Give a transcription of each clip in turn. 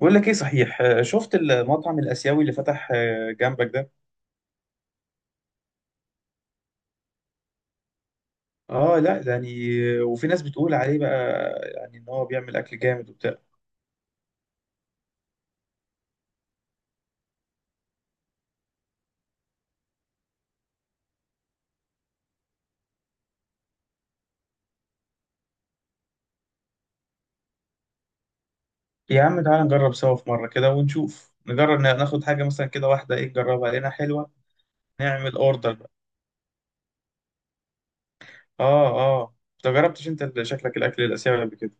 بقول لك ايه صحيح، شفت المطعم الاسيوي اللي فتح جنبك ده. اه، لا ده يعني وفي ناس بتقول عليه بقى. يعني ان هو بيعمل اكل جامد وبتاع. يا عم تعالى نجرب سوا في مره كده ونشوف نجرب ناخد حاجه مثلا كده واحده، ايه نجربها لقينا حلوه. نعمل اوردر بقى. اه. اه، انت جربتش؟ انت شكلك الاكل الاسيوي قبل كده.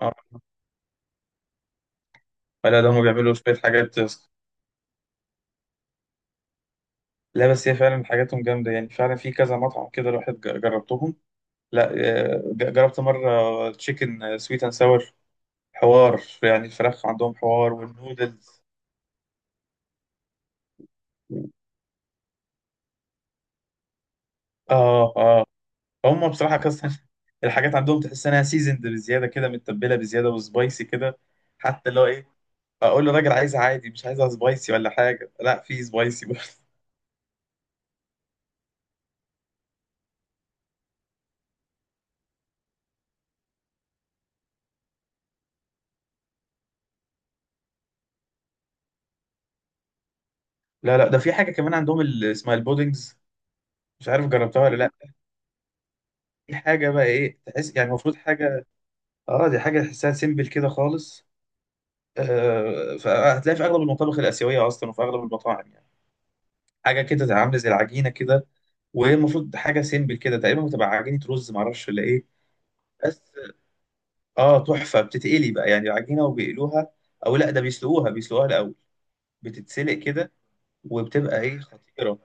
اه. ولا ده هم بيعملوا شويه حاجات. لا بس هي فعلا حاجاتهم جامده، يعني فعلا في كذا مطعم كده الواحد جربتهم. لا. جربت مره تشيكن سويت اند ساور. حوار، يعني الفراخ عندهم حوار والنودلز. اه، اه، هم بصراحه كاستن الحاجات عندهم تحس انها سيزند بزياده كده، متبله بزياده وسبايسي كده حتى لو ايه. اقول للراجل عايزها عادي مش عايزها سبايسي ولا حاجه، لا في سبايسي برضه لا، لا، ده في حاجه كمان عندهم اسمها البودنجز. مش عارف جربتها ولا لا. دي حاجه بقى، ايه، تحس يعني المفروض حاجه. اه، دي حاجه تحسها سيمبل كده خالص. فهتلاقي في اغلب المطابخ الاسيويه اصلا وفي اغلب المطاعم يعني. حاجه كده عامله زي العجينه كده، وهي المفروض حاجه سيمبل كده تقريبا، بتبقى عجينه رز معرفش ولا ايه. بس اه تحفه بتتقلي بقى يعني العجينه وبيقلوها. او لا، ده بيسلقوها الاول بتتسلق كده. وبتبقى ايه خطيره.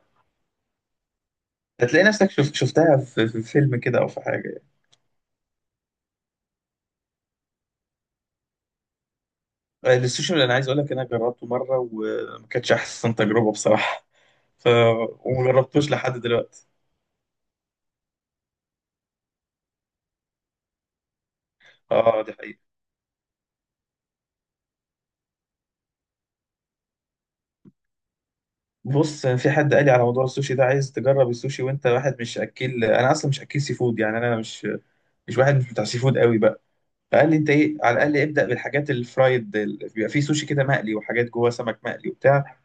هتلاقي نفسك شفتها في فيلم كده او في حاجه يعني. السوشي اللي انا عايز اقول لك انا جربته مره وما كانتش احسن تجربه بصراحه. ف وما جربتوش لحد دلوقتي. اه، دي حقيقة. بص، في حد قال لي على موضوع السوشي ده، عايز تجرب السوشي وانت واحد مش اكل. انا اصلا مش اكل سي فود، يعني انا مش واحد مش بتاع سي فود قوي بقى. فقال لي انت ايه، على الاقل ابدا بالحاجات الفرايد. بيبقى فيه سوشي كده مقلي وحاجات جوه سمك مقلي وبتاع.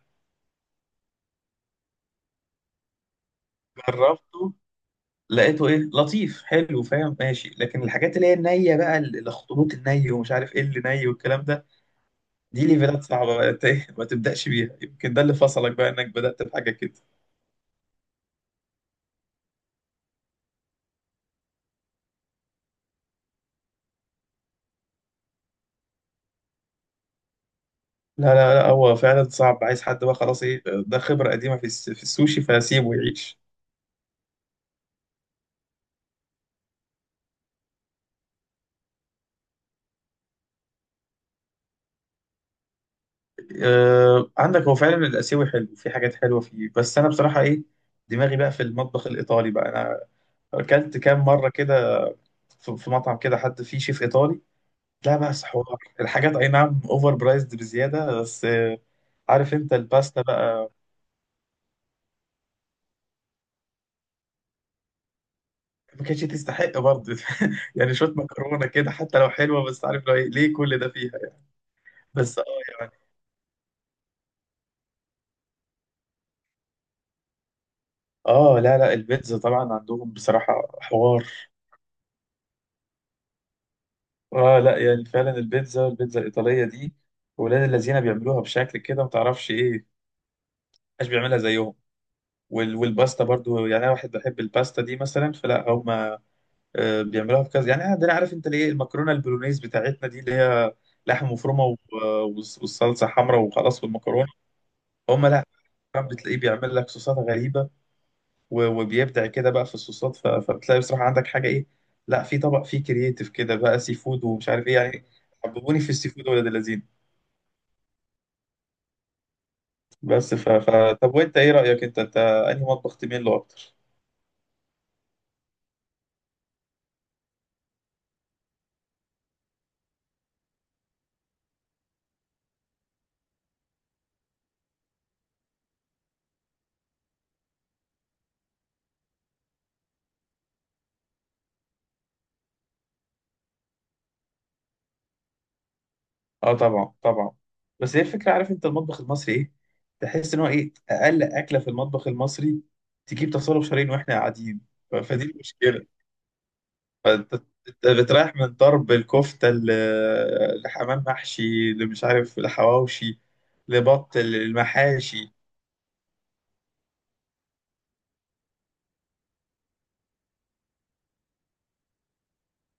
جربته لقيته ايه لطيف حلو، فاهم، ماشي، لكن الحاجات اللي هي النيه بقى، الاخطبوط الني ومش عارف ايه اللي ني والكلام ده. دي ليفلات صعبه بقى، انت ايه ما تبداش بيها. يمكن ده اللي فصلك بقى، انك بدات بحاجه كده. لا، لا، لا، هو فعلا صعب عايز حد بقى خلاص ايه ده خبرة قديمة في السوشي، فسيبه يعيش. عندك، هو فعلا الآسيوي حلو في حاجات حلوة فيه، بس أنا بصراحة ايه. دماغي بقى في المطبخ الإيطالي بقى. أنا أكلت كام مرة كده في مطعم كده حد فيه شيف إيطالي. لا بس حوار الحاجات، أي نعم أوفر برايزد بزيادة، بس عارف أنت الباستا بقى؟ ما كانتش تستحق برضه. يعني شوية مكرونة كده حتى لو حلوة، بس عارف لو إيه، ليه كل ده فيها يعني. بس يعني. اه، لا، لا، البيتزا طبعا عندهم بصراحة حوار. اه، لا يعني فعلا البيتزا الإيطالية دي، ولاد الذين بيعملوها بشكل كده ما تعرفش ايه، محدش بيعملها زيهم. والباستا برضو، يعني انا واحد بحب الباستا دي مثلا، فلا هم. بيعملوها بكذا، يعني عندنا عارف انت ليه؟ المكرونه البولونيز بتاعتنا دي اللي هي لحم مفرومه والصلصه حمراء وخلاص والمكرونه. هم لا، بتلاقيه بيعمل لك صوصات غريبه وبيبدع كده بقى في الصوصات، فبتلاقي بصراحة عندك حاجة إيه. لا، في طبق فيه كرييتيف كده بقى سي فود ومش عارف إيه يعني. حببوني في السي فود ولاد اللذين. بس. طب وأنت إيه رأيك، أنت أنهي مطبخ تميل له أكتر؟ أه، طبعا طبعا. بس هي الفكرة، عارف أنت المطبخ المصري إيه؟ تحس إن هو إيه أقل أكلة في المطبخ المصري تجيب تصالح شرايين وإحنا قاعدين. فدي المشكلة. فانت بتريح من ضرب الكفته لحمام محشي اللي مش عارف لحواوشي لبط المحاشي.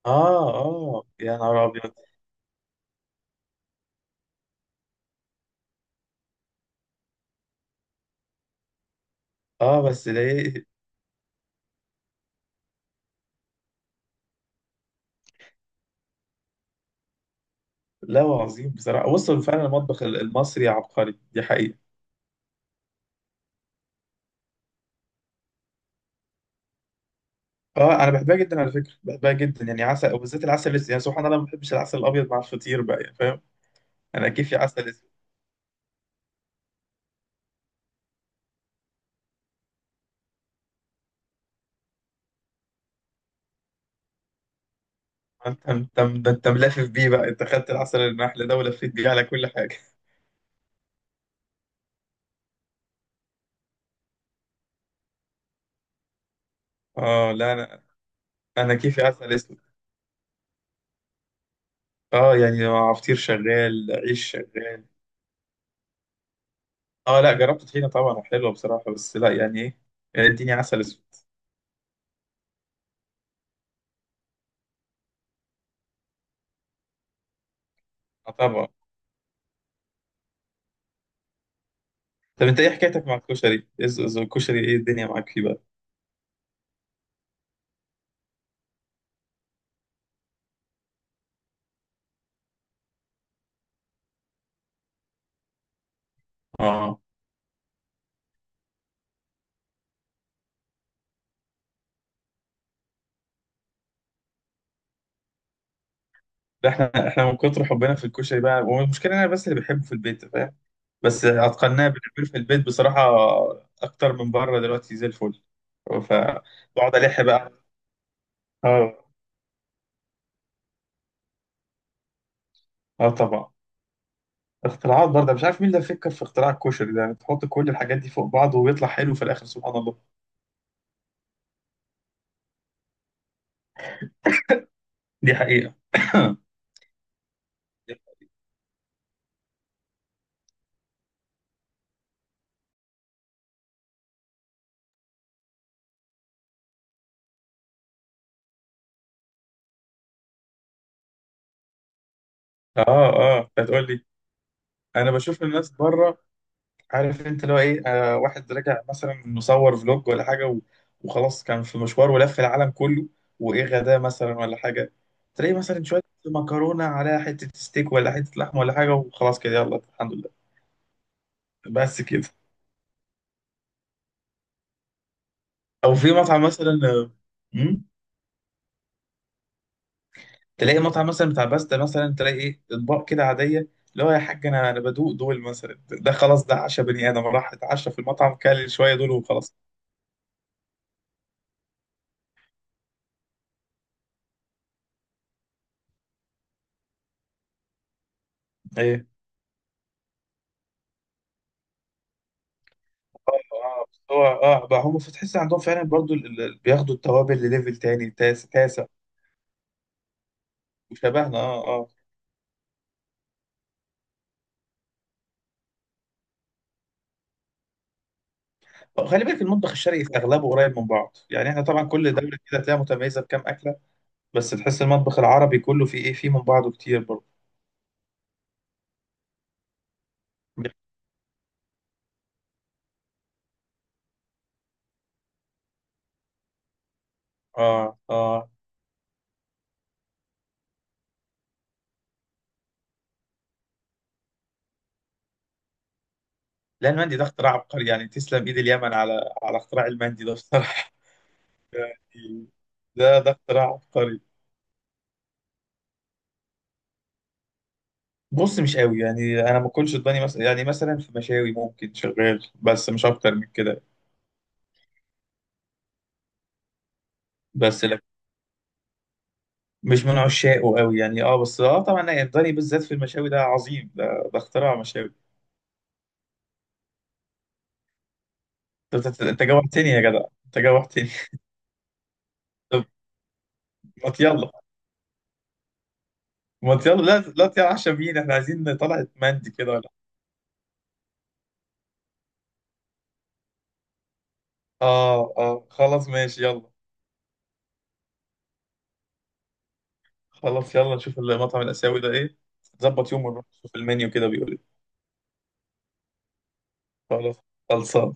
اه، اه، يا نهار ابيض. اه بس ده ايه. لا عظيم بصراحه، وصل فعلا المطبخ المصري عبقري، دي حقيقه. اه، انا بحبها جدا على فكره، بحبها جدا يعني، عسل وبالذات العسل الاسود. يعني سبحان الله ما بحبش العسل الابيض مع الفطير بقى، يعني فاهم. انا كيفي عسل اسود. انت ده انت ملفف بيه بقى، انت خدت العسل النحل ده ولفيت بيه على كل حاجه اه، لا، انا كيفي عسل اسود. اه، يعني عصير شغال عيش شغال. اه، لا جربت طحينه طبعا حلوه بصراحه، بس لا يعني ايه، يعني اديني عسل اسود. آه طبعا. طب انت ايه حكايتك مع الكشري، الكشري ايه الدنيا معاك فيه بقى. اه، ده احنا من كتر حبنا في الكشري بقى، والمشكله انا بس اللي بحبه في البيت فاهم. بس اتقناه بنعمله في البيت بصراحه اكتر من بره دلوقتي زي الفل، فبقعد الح بقى. اه، اه، طبعا. اختراعات برضه، مش عارف مين اللي فكر في اختراع الكشري ده، يعني تحط كل الحاجات دي فوق بعض ويطلع حلو في الاخر سبحان الله. دي حقيقة اه، اه، انت هتقول لي. انا بشوف الناس بره، عارف انت اللي هو ايه، واحد رجع مثلا مصور فلوج ولا حاجه وخلاص كان في مشوار ولف العالم كله، وايه غداه مثلا ولا حاجه. تلاقي مثلا شويه مكرونه على حته ستيك ولا حته لحمه ولا حاجه، وخلاص كده يلا الحمد لله. بس كده. او في مطعم مثلا مم؟ تلاقي مطعم مثلا بتاع باستا مثلا، تلاقي ايه اطباق كده عاديه، اللي هو يا حاج انا بدوق دول مثلا، ده خلاص ده عشا بني ادم راح اتعشى في المطعم كل شويه دول وخلاص ايه. اه، بس هو بقى هم فتحس عندهم فعلا برضو بياخدوا التوابل لليفل تاني تاسع تاسع. وشبهنا. اه، اه. خلي بالك، المطبخ الشرقي في اغلبه قريب من بعض، يعني احنا طبعا كل دوله كده هتلاقيها متميزه بكام اكله. بس تحس المطبخ العربي كله فيه، ايه، فيه من بعضه كتير برضو. اه، اه. لا، المندي ده اختراع عبقري يعني، تسلم ايد اليمن على اختراع المندي ده بصراحه. يعني ده اختراع عبقري. بص مش قوي يعني، انا ما اكلش الضاني مثلا، يعني مثلا في مشاوي ممكن شغال بس مش اكتر من كده. بس لا مش من عشاقه قوي يعني، بس طبعا الضاني بالذات في المشاوي ده عظيم ده اختراع مشاوي. انت أنت- أنت جوعتني يا جدع، انت جوعتني. طب ما يلا. ما يلا، لا، لا، تعشى بينا احنا عايزين. طلعت مندي كده ولا؟ اه، اه، خلاص ماشي يلا. خلاص يلا نشوف المطعم الآسيوي ده إيه. ظبط يوم ونروح نشوف المنيو كده بيقول إيه. خلاص. خلصان.